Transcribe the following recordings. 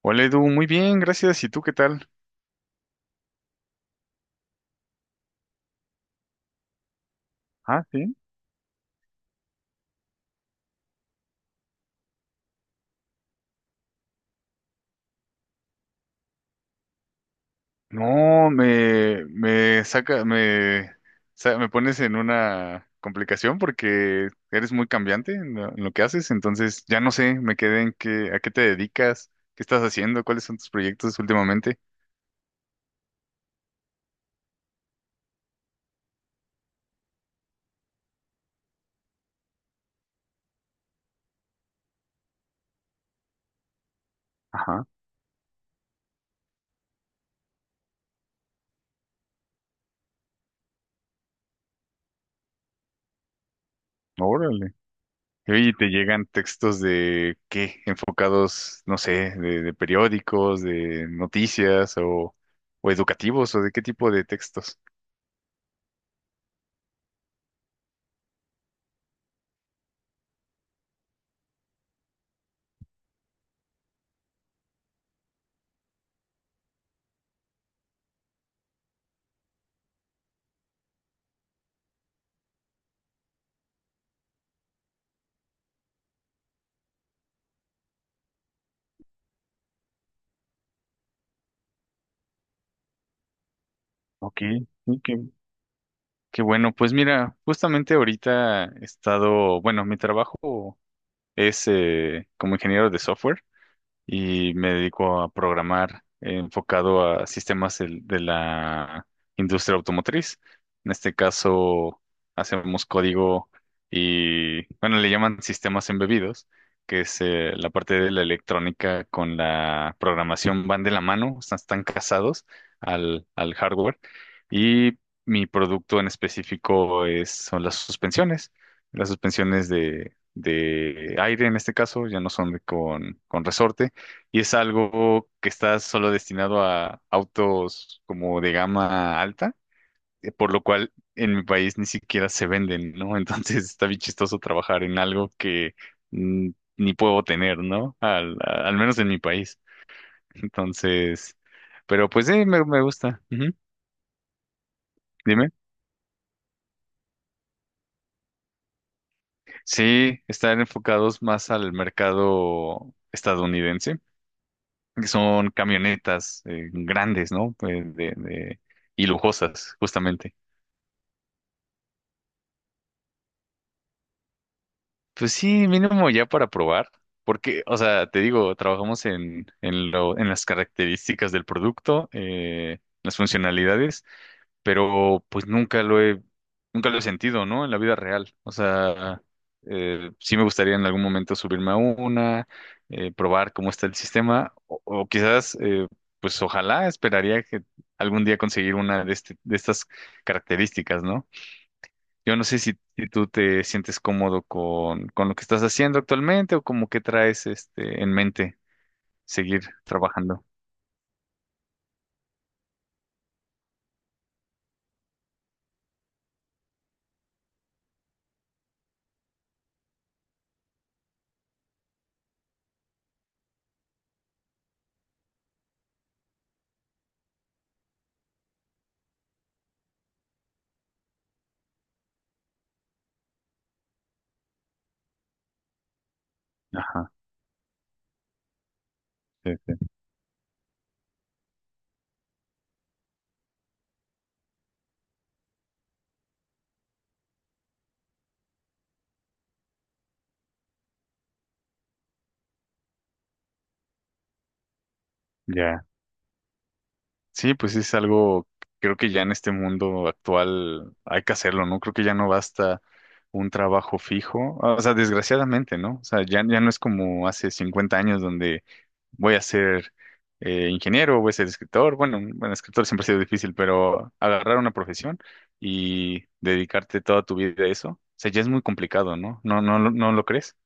Hola Edu, muy bien, gracias. ¿Y tú qué tal? Ah, sí. No, me saca, me, sa- me pones en una complicación porque eres muy cambiante en lo que haces, entonces ya no sé, me quedé en qué, a qué te dedicas, qué estás haciendo, cuáles son tus proyectos últimamente. Ajá, órale. Y oye, te llegan textos de qué, enfocados, no sé, de periódicos, de noticias o educativos o de qué tipo de textos. Ok, ok, qué bueno, pues mira, justamente ahorita he estado, bueno, mi trabajo es como ingeniero de software y me dedico a programar enfocado a sistemas de la industria automotriz. En este caso, hacemos código y, bueno, le llaman sistemas embebidos, que es la parte de la electrónica con la programación van de la mano, están casados al hardware. Y mi producto en específico es, son las suspensiones, las suspensiones de aire en este caso, ya no son con resorte, y es algo que está solo destinado a autos como de gama alta, por lo cual en mi país ni siquiera se venden, ¿no? Entonces está bien chistoso trabajar en algo que mm, ni puedo tener, ¿no? Al menos en mi país. Entonces, pero pues sí, me gusta. Ujú. Dime. Sí, están enfocados más al mercado estadounidense, que son camionetas grandes, ¿no? Pues, y lujosas, justamente. Pues sí, mínimo ya para probar, porque, o sea, te digo, trabajamos en las características del producto, las funcionalidades, pero pues nunca lo he sentido, ¿no? En la vida real. O sea, sí me gustaría en algún momento subirme a una, probar cómo está el sistema, o quizás, pues ojalá esperaría que algún día conseguir una de estas características, ¿no? Yo no sé si tú te sientes cómodo con lo que estás haciendo actualmente o como que traes este en mente seguir trabajando. Ajá, sí, sí. Ya. Sí, pues sí, es algo, creo que ya en este mundo actual hay que hacerlo, ¿no? Creo que ya no basta un trabajo fijo, ah, o sea, desgraciadamente, ¿no? O sea, ya no es como hace 50 años donde voy a ser ingeniero, voy a ser escritor, bueno, bueno, escritor siempre ha sido difícil, pero agarrar una profesión y dedicarte toda tu vida a eso, o sea, ya es muy complicado, ¿no? ¿No, no, no lo crees?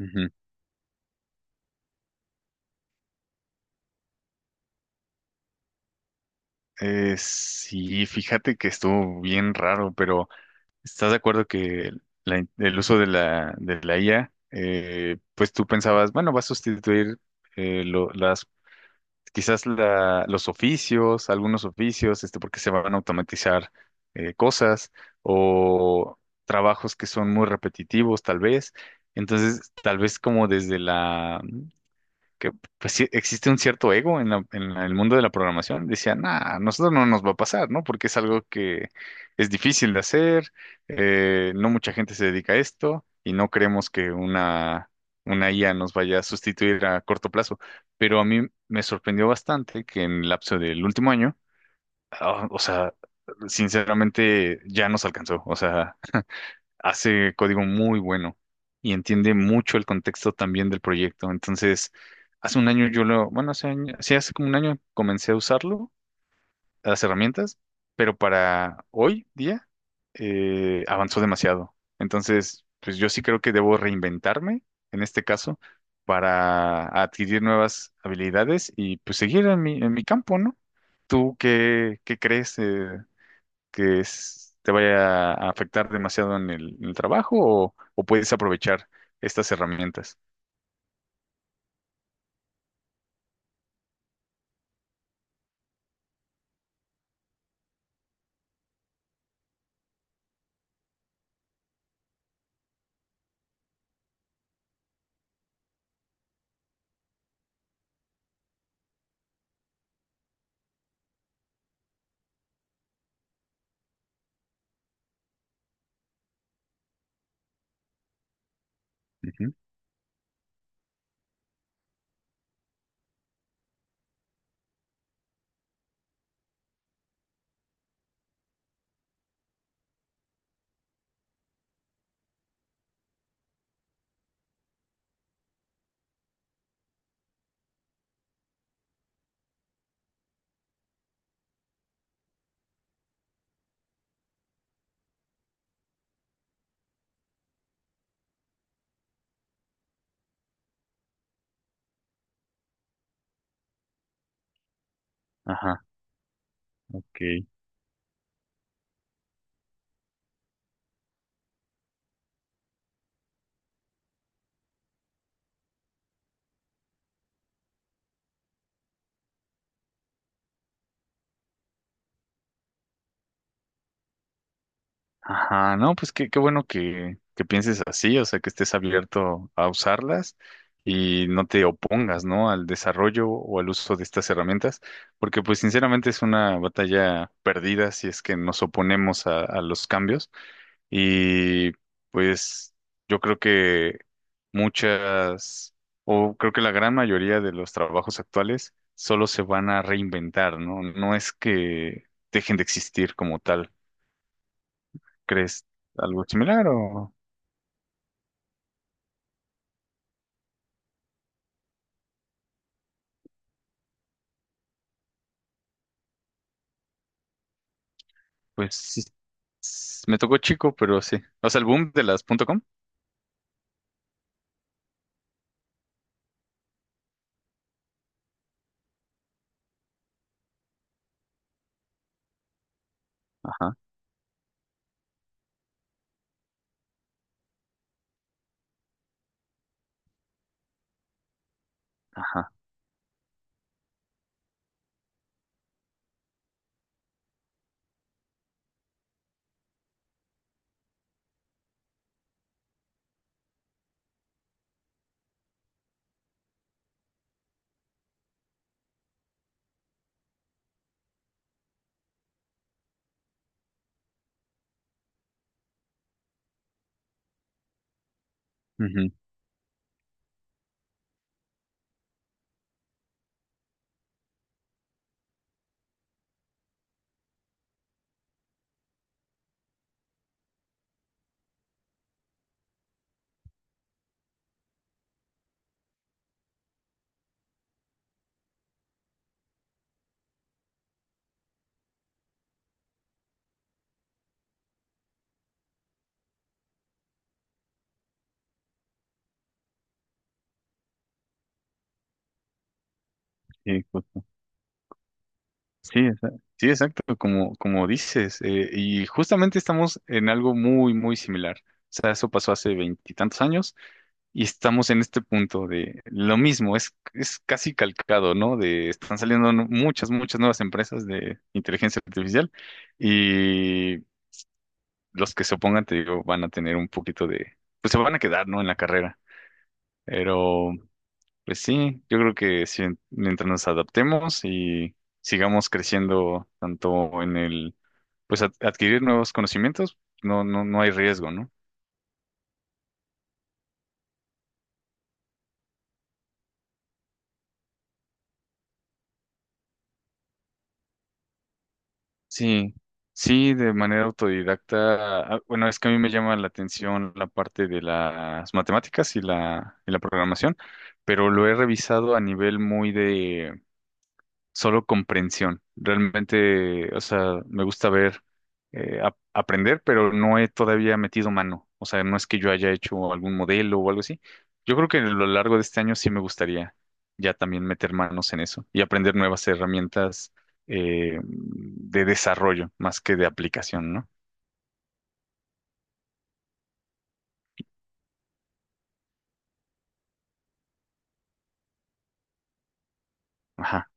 Ujú. Sí, fíjate que estuvo bien raro, pero. ¿Estás de acuerdo que el uso de la IA, pues tú pensabas, bueno, va a sustituir eh, lo- las, quizás los oficios, algunos oficios, este, porque se van a automatizar cosas o trabajos que son muy repetitivos, tal vez. Entonces, tal vez como desde la que pues, sí existe un cierto ego en el mundo de la programación. Decían, ah, a nosotros no nos va a pasar, ¿no? Porque es algo que es difícil de hacer, no mucha gente se dedica a esto y no creemos que una IA nos vaya a sustituir a corto plazo. Pero a mí me sorprendió bastante que en el lapso del último año, ah, o sea, sinceramente ya nos alcanzó. O sea, hace código muy bueno y entiende mucho el contexto también del proyecto. Entonces, hace un año yo lo, bueno, hace año, sí, hace como un año comencé a usarlo, las herramientas, pero para hoy día avanzó demasiado. Entonces, pues yo sí creo que debo reinventarme en este caso para adquirir nuevas habilidades y pues seguir en mi campo, ¿no? ¿Tú qué crees? ¿Que te vaya a afectar demasiado en el trabajo o puedes aprovechar estas herramientas? Ujú. Ajá, ok. Ajá, no, pues qué bueno que pienses así, o sea, que estés abierto a usarlas y no te opongas, ¿no? Al desarrollo o al uso de estas herramientas, porque pues sinceramente es una batalla perdida si es que nos oponemos a los cambios. Y pues yo creo que muchas, o creo que la gran mayoría de los trabajos actuales solo se van a reinventar, ¿no? No es que dejen de existir como tal. ¿Crees algo similar o pues sí? Me tocó chico, pero sí. O sea, el boom de las punto .com. Ajá, ajá. Ujú. Sí, justo. Sí, exacto, como, como, dices. Y justamente estamos en algo muy, muy similar. O sea, eso pasó hace veintitantos años. Y estamos en este punto de lo mismo, es casi calcado, ¿no? De están saliendo muchas nuevas empresas de inteligencia artificial y los que se opongan, te digo, van a tener un poquito de, pues se van a quedar, ¿no? En la carrera. Pero, pues sí, yo creo que sí, mientras nos adaptemos y sigamos creciendo tanto en el, pues adquirir nuevos conocimientos, no, no, no hay riesgo, ¿no? Sí, sí, de manera autodidacta. Ah, bueno, es que a mí me llama la atención la parte de las matemáticas y y la programación, pero lo he revisado a nivel muy de solo comprensión. Realmente, o sea, me gusta ver, aprender, pero no he todavía metido mano. O sea, no es que yo haya hecho algún modelo o algo así. Yo creo que a lo largo de este año sí me gustaría ya también meter manos en eso y aprender nuevas herramientas de desarrollo más que de aplicación, ¿no? Ajá.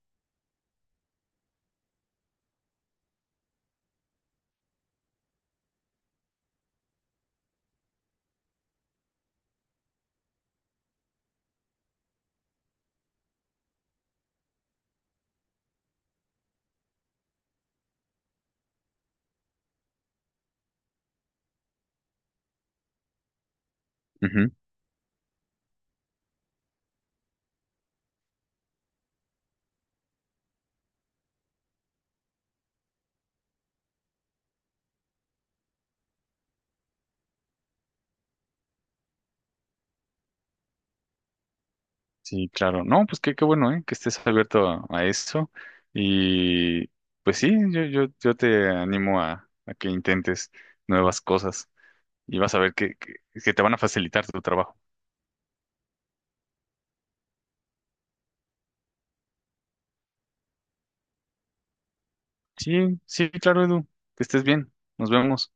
Sí, claro. No, pues qué bueno, ¿eh? Que estés abierto a eso. Y pues sí, yo te animo a que intentes nuevas cosas y vas a ver que te van a facilitar tu trabajo. Sí, sí, claro, Edu. Que estés bien. Nos vemos.